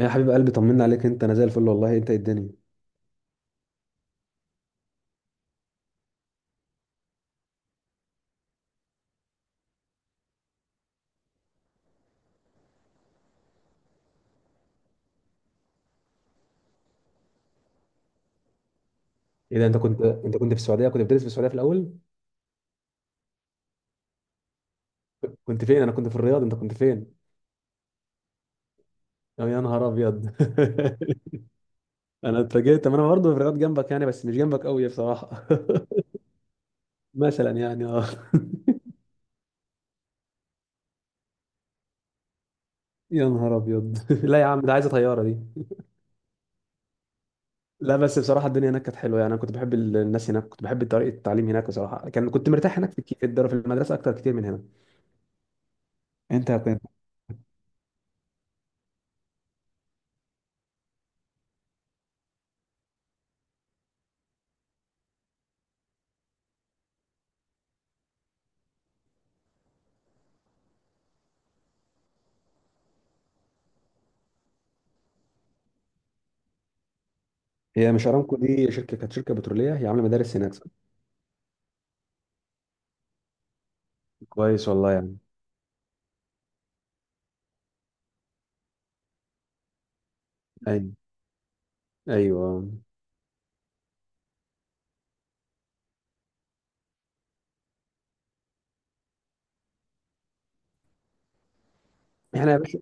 يا حبيب قلبي، طمنا عليك. انت انا زي الفل والله. انت ايه الدنيا؟ ايه ده؟ انت كنت في السعوديه، كنت بتدرس في السعوديه في الاول؟ كنت فين؟ انا كنت في الرياض، انت كنت فين؟ أو يا نهار ابيض! انا اتفاجئت. طب انا برضه في الرياض جنبك يعني، بس مش جنبك قوي بصراحه. مثلا يعني يا نهار ابيض! لا يا عم، ده عايزه طياره دي. لا بس بصراحه الدنيا هناك كانت حلوه يعني، انا كنت بحب الناس هناك، كنت بحب طريقه التعليم هناك بصراحه، كنت مرتاح هناك في الك- في الدار- في المدرسه اكتر كتير من هنا. انت كنت... هي مش ارامكو دي شركه، كانت شركه بتروليه هي عامله مدارس هناك صح؟ كويس والله يعني. أيوة. ايوه. احنا يا باشا...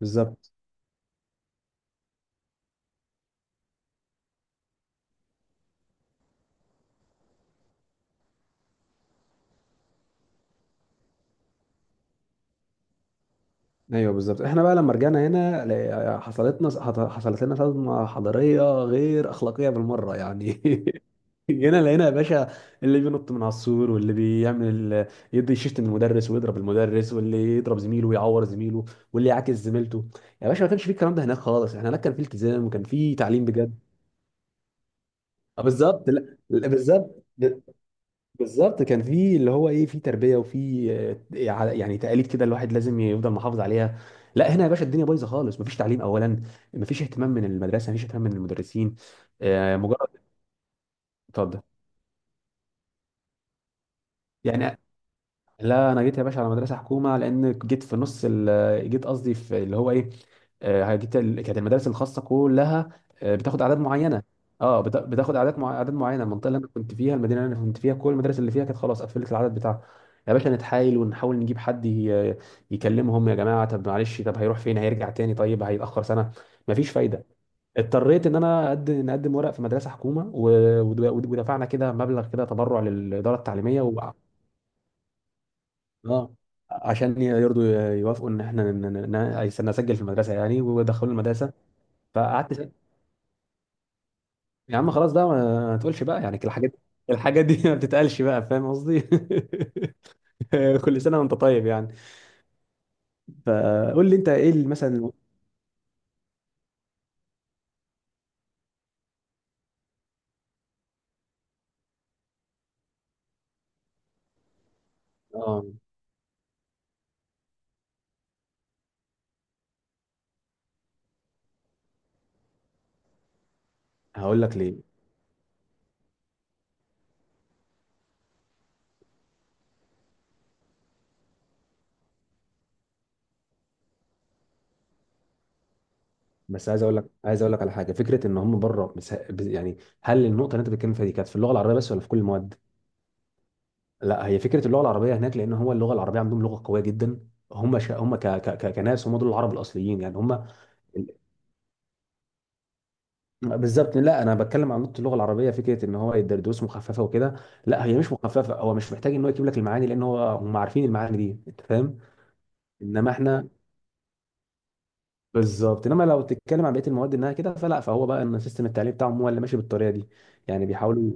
بالظبط. ايوه، بالظبط. احنا بقى لما رجعنا هنا حصلت لنا صدمه حضاريه غير اخلاقيه بالمره يعني. جينا لقينا يا باشا اللي بينط من على السور، واللي بيعمل يدي شيشت من المدرس ويضرب المدرس، واللي يضرب زميله ويعور زميله، واللي يعاكس زميلته. يا باشا، ما كانش في الكلام ده هناك خالص. احنا هناك كان في التزام، وكان في تعليم بجد. اه، بالظبط. لا لا، بالظبط. بالظبط، كان في اللي هو ايه، في تربيه وفي يعني تقاليد كده الواحد لازم يفضل محافظ عليها. لا هنا يا باشا الدنيا بايظه خالص. مفيش تعليم اولا، مفيش اهتمام من المدرسه، مفيش اهتمام من المدرسين. مجرد... اتفضل. يعني... لا انا جيت يا باشا على مدرسه حكومه، لان جيت في نص جيت قصدي في اللي هو ايه. كانت المدارس الخاصه كلها بتاخد اعداد معينه. اه، بتاخد اعداد اعداد معينه. المنطقه اللي انا كنت فيها، المدينه اللي انا كنت فيها، كل المدارس اللي فيها كانت خلاص قفلت العدد بتاعها. يا باشا نتحايل ونحاول نجيب حد يكلمهم، يا جماعه طب معلش، طب هيروح فين؟ هيرجع تاني؟ طيب هيتاخر سنه. مفيش فايده. اضطريت ان انا نقدم ورق في مدرسه حكومه و... ود- ودفعنا كده مبلغ كده تبرع للاداره التعليميه. اه، عشان يرضوا يوافقوا ان احنا نسجل في المدرسه يعني، ودخلوا المدرسه. فقعدت يا عم خلاص بقى، ما تقولش بقى يعني الحاجات. الحاجات دي ما بتتقالش بقى، فاهم قصدي؟ كل سنه وانت طيب يعني. فقول لي انت ايه اللي مثلا... اه. هقول لك ليه. بس عايز اقول لك على حاجه. فكره ان هم بره يعني، هل النقطه اللي انت بتتكلم فيها دي كانت في اللغه العربيه بس، ولا في كل المواد؟ لا، هي فكره اللغه العربيه هناك، لان هو اللغه العربيه عندهم لغه قويه جدا. هم ش... هم ك... ك... ك... كناس، هم دول العرب الاصليين يعني، هم ال- بالظبط. لا، انا بتكلم عن نقطه اللغه العربيه، فكره ان هو دروس مخففه وكده. لا هي مش مخففه، هو مش محتاج ان هو يجيب لك المعاني، لان هو هم عارفين المعاني دي، انت فاهم. انما احنا... بالظبط. انما لو تتكلم عن بقيه المواد انها كده فلا، فهو بقى ان سيستم التعليم بتاعهم هو اللي ماشي بالطريقه دي. يعني بيحاولوا.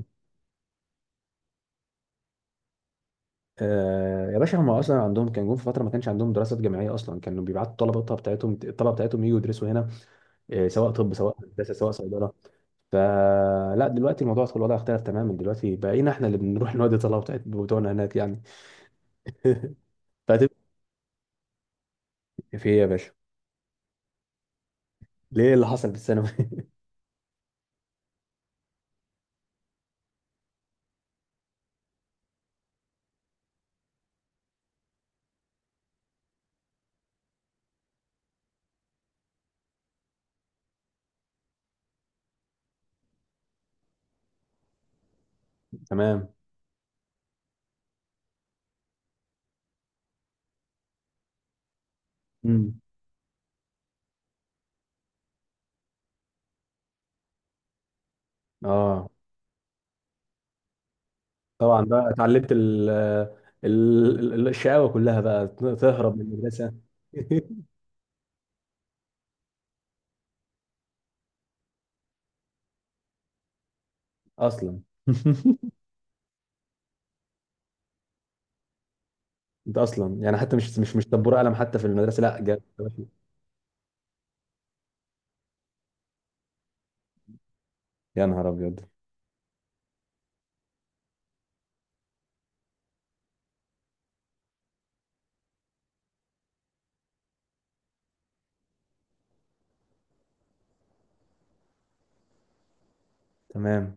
آه يا باشا، هم اصلا عندهم كان جم في فتره ما كانش عندهم دراسات جامعيه اصلا، كانوا بيبعتوا الطلبه بتاعتهم يجوا يدرسوا هنا. إيه، سواء طب، سواء هندسه، سواء صيدله. فلا دلوقتي الموضوع في الوضع اختلف تماما، دلوقتي بقينا احنا اللي بنروح نودي طلبه بتوعنا هناك يعني. فهتبقى... ايه؟ في ايه يا باشا؟ ليه اللي حصل في الثانوي؟ تمام. امم. اه، طبعا بقى اتعلمت ال... الشقاوه كلها بقى. تهرب من المدرسه. اصلا. انت اصلا يعني حتى مش طبور قلم حتى في المدرسه لا جاب. يا نهار ابيض! تمام.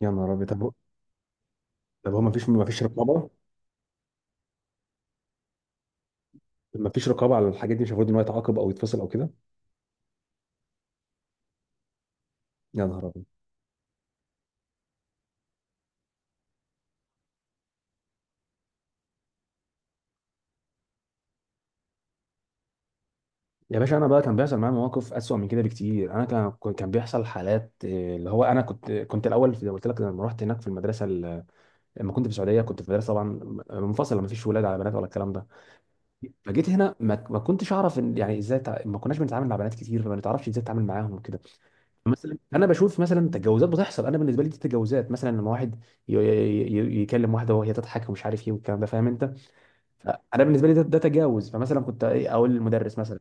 يا نهار ابيض! طب هو ما فيش رقابه؟ ما فيش رقابه على الحاجات دي؟ مش المفروض ان هو يتعاقب او يتفصل او كده؟ يا نهار ابيض! يا باشا انا بقى كان بيحصل معايا مواقف اسوأ من كده بكتير. انا كان بيحصل حالات إيه، اللي هو انا كنت الاول زي ما قلت لك لما رحت هناك في المدرسه لما كنت في السعوديه كنت في مدرسه طبعا منفصله، ما فيش ولاد على بنات ولا الكلام ده. فجيت هنا ما كنتش اعرف يعني ازاي ما كناش بنتعامل مع بنات كتير، فما نتعرفش ازاي نتعامل معاهم وكده. مثلا انا بشوف مثلا تجاوزات بتحصل. انا بالنسبه لي دي تجاوزات مثلا لما واحد يكلم واحده وهي تضحك ومش عارف ايه والكلام ده، فاهم انت؟ انا بالنسبه لي ده تجاوز. فمثلا كنت إيه اقول للمدرس مثلا.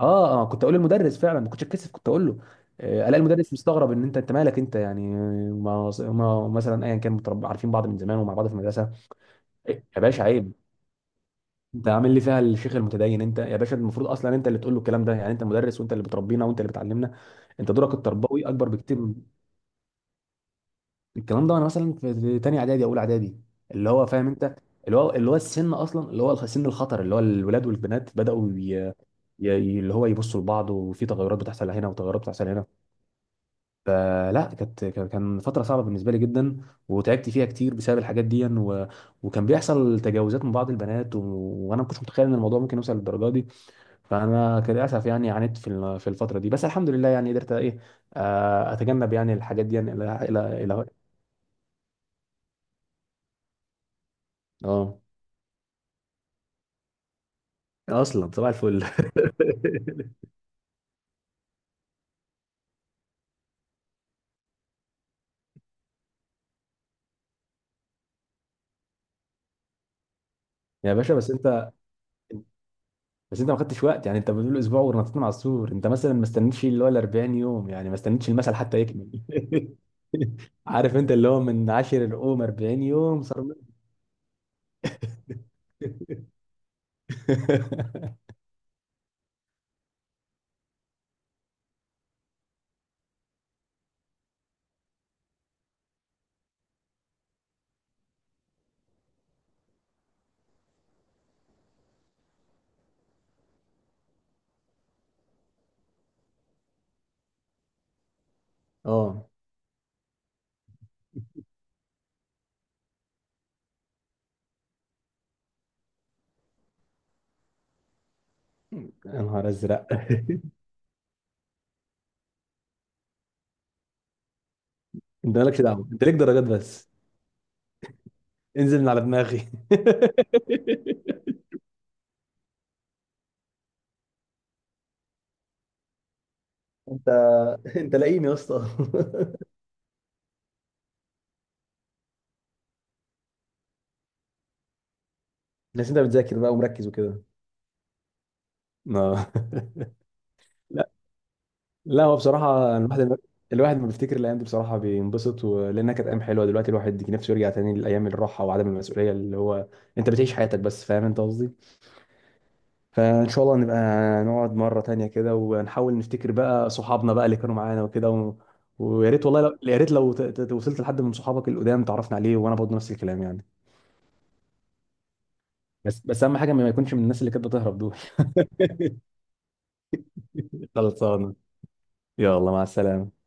اه اه، كنت اقول للمدرس فعلا، ما كنتش اتكسف كنت اقول له. الاقي المدرس مستغرب ان انت مالك انت يعني، ما مثلا ايا كان متربى، عارفين بعض من زمان ومع بعض في المدرسه. إيه يا باشا، عيب. انت عامل لي فيها الشيخ المتدين؟ انت يا باشا المفروض اصلا انت اللي تقول له الكلام ده، يعني انت مدرس، وانت اللي بتربينا، وانت اللي بتعلمنا. انت دورك التربوي اكبر بكتير. الكلام ده وانا مثلا في تانية اعدادي، اولى اعدادي، اللي هو فاهم انت؟ اللي هو السن اصلا، اللي هو سن الخطر، اللي هو الولاد والبنات بداوا ي- اللي هو يبصوا لبعض، وفي تغيرات بتحصل هنا، وتغيرات بتحصل هنا. فلا كانت كان كان فتره صعبه بالنسبه لي جدا. وتعبت فيها كتير بسبب الحاجات دي و... وكان بيحصل تجاوزات من بعض البنات و... وانا ما كنتش متخيل ان الموضوع ممكن يوصل للدرجه دي. فانا كان للاسف يعني عانيت في في الفتره دي، بس الحمد لله يعني قدرت ايه، اتجنب يعني الحاجات دي يعني. الى... إلى... اه، اصلا صباح الفل. يا باشا بس انت... بس انت ما خدتش وقت يعني، انت بتقول اسبوع ورنطتنا على السور. انت مثلا ما استنيتش اللي هو ال 40 يوم، يعني ما استنيتش المثل حتى يكمل. عارف انت اللي هو من عاشر القوم 40 يوم صار اه. يا نهار ازرق! انت مالكش دعوه، انت ليك درجات بس. انزل من على دماغي. انت انت لاقيني يا اسطى؟ بس انت بتذاكر بقى ومركز وكده. اه. لا، هو بصراحة الواحد لما بيفتكر الأيام دي بصراحة بينبسط و... لأنها كانت أيام حلوة. دلوقتي الواحد نفسه يرجع تاني لأيام الراحة وعدم المسؤولية، اللي هو أنت بتعيش حياتك بس، فاهم أنت قصدي؟ فإن شاء الله نبقى نقعد مرة تانية كده، ونحاول نفتكر بقى صحابنا بقى اللي كانوا معانا وكده و... ويا ريت والله لو... يا ريت لو وصلت لحد من صحابك القدام تعرفنا عليه، وأنا برضه نفس الكلام يعني. بس أهم حاجة ما يكونش من الناس اللي كانت بتهرب دول. خلصانة. يلا مع السلامة.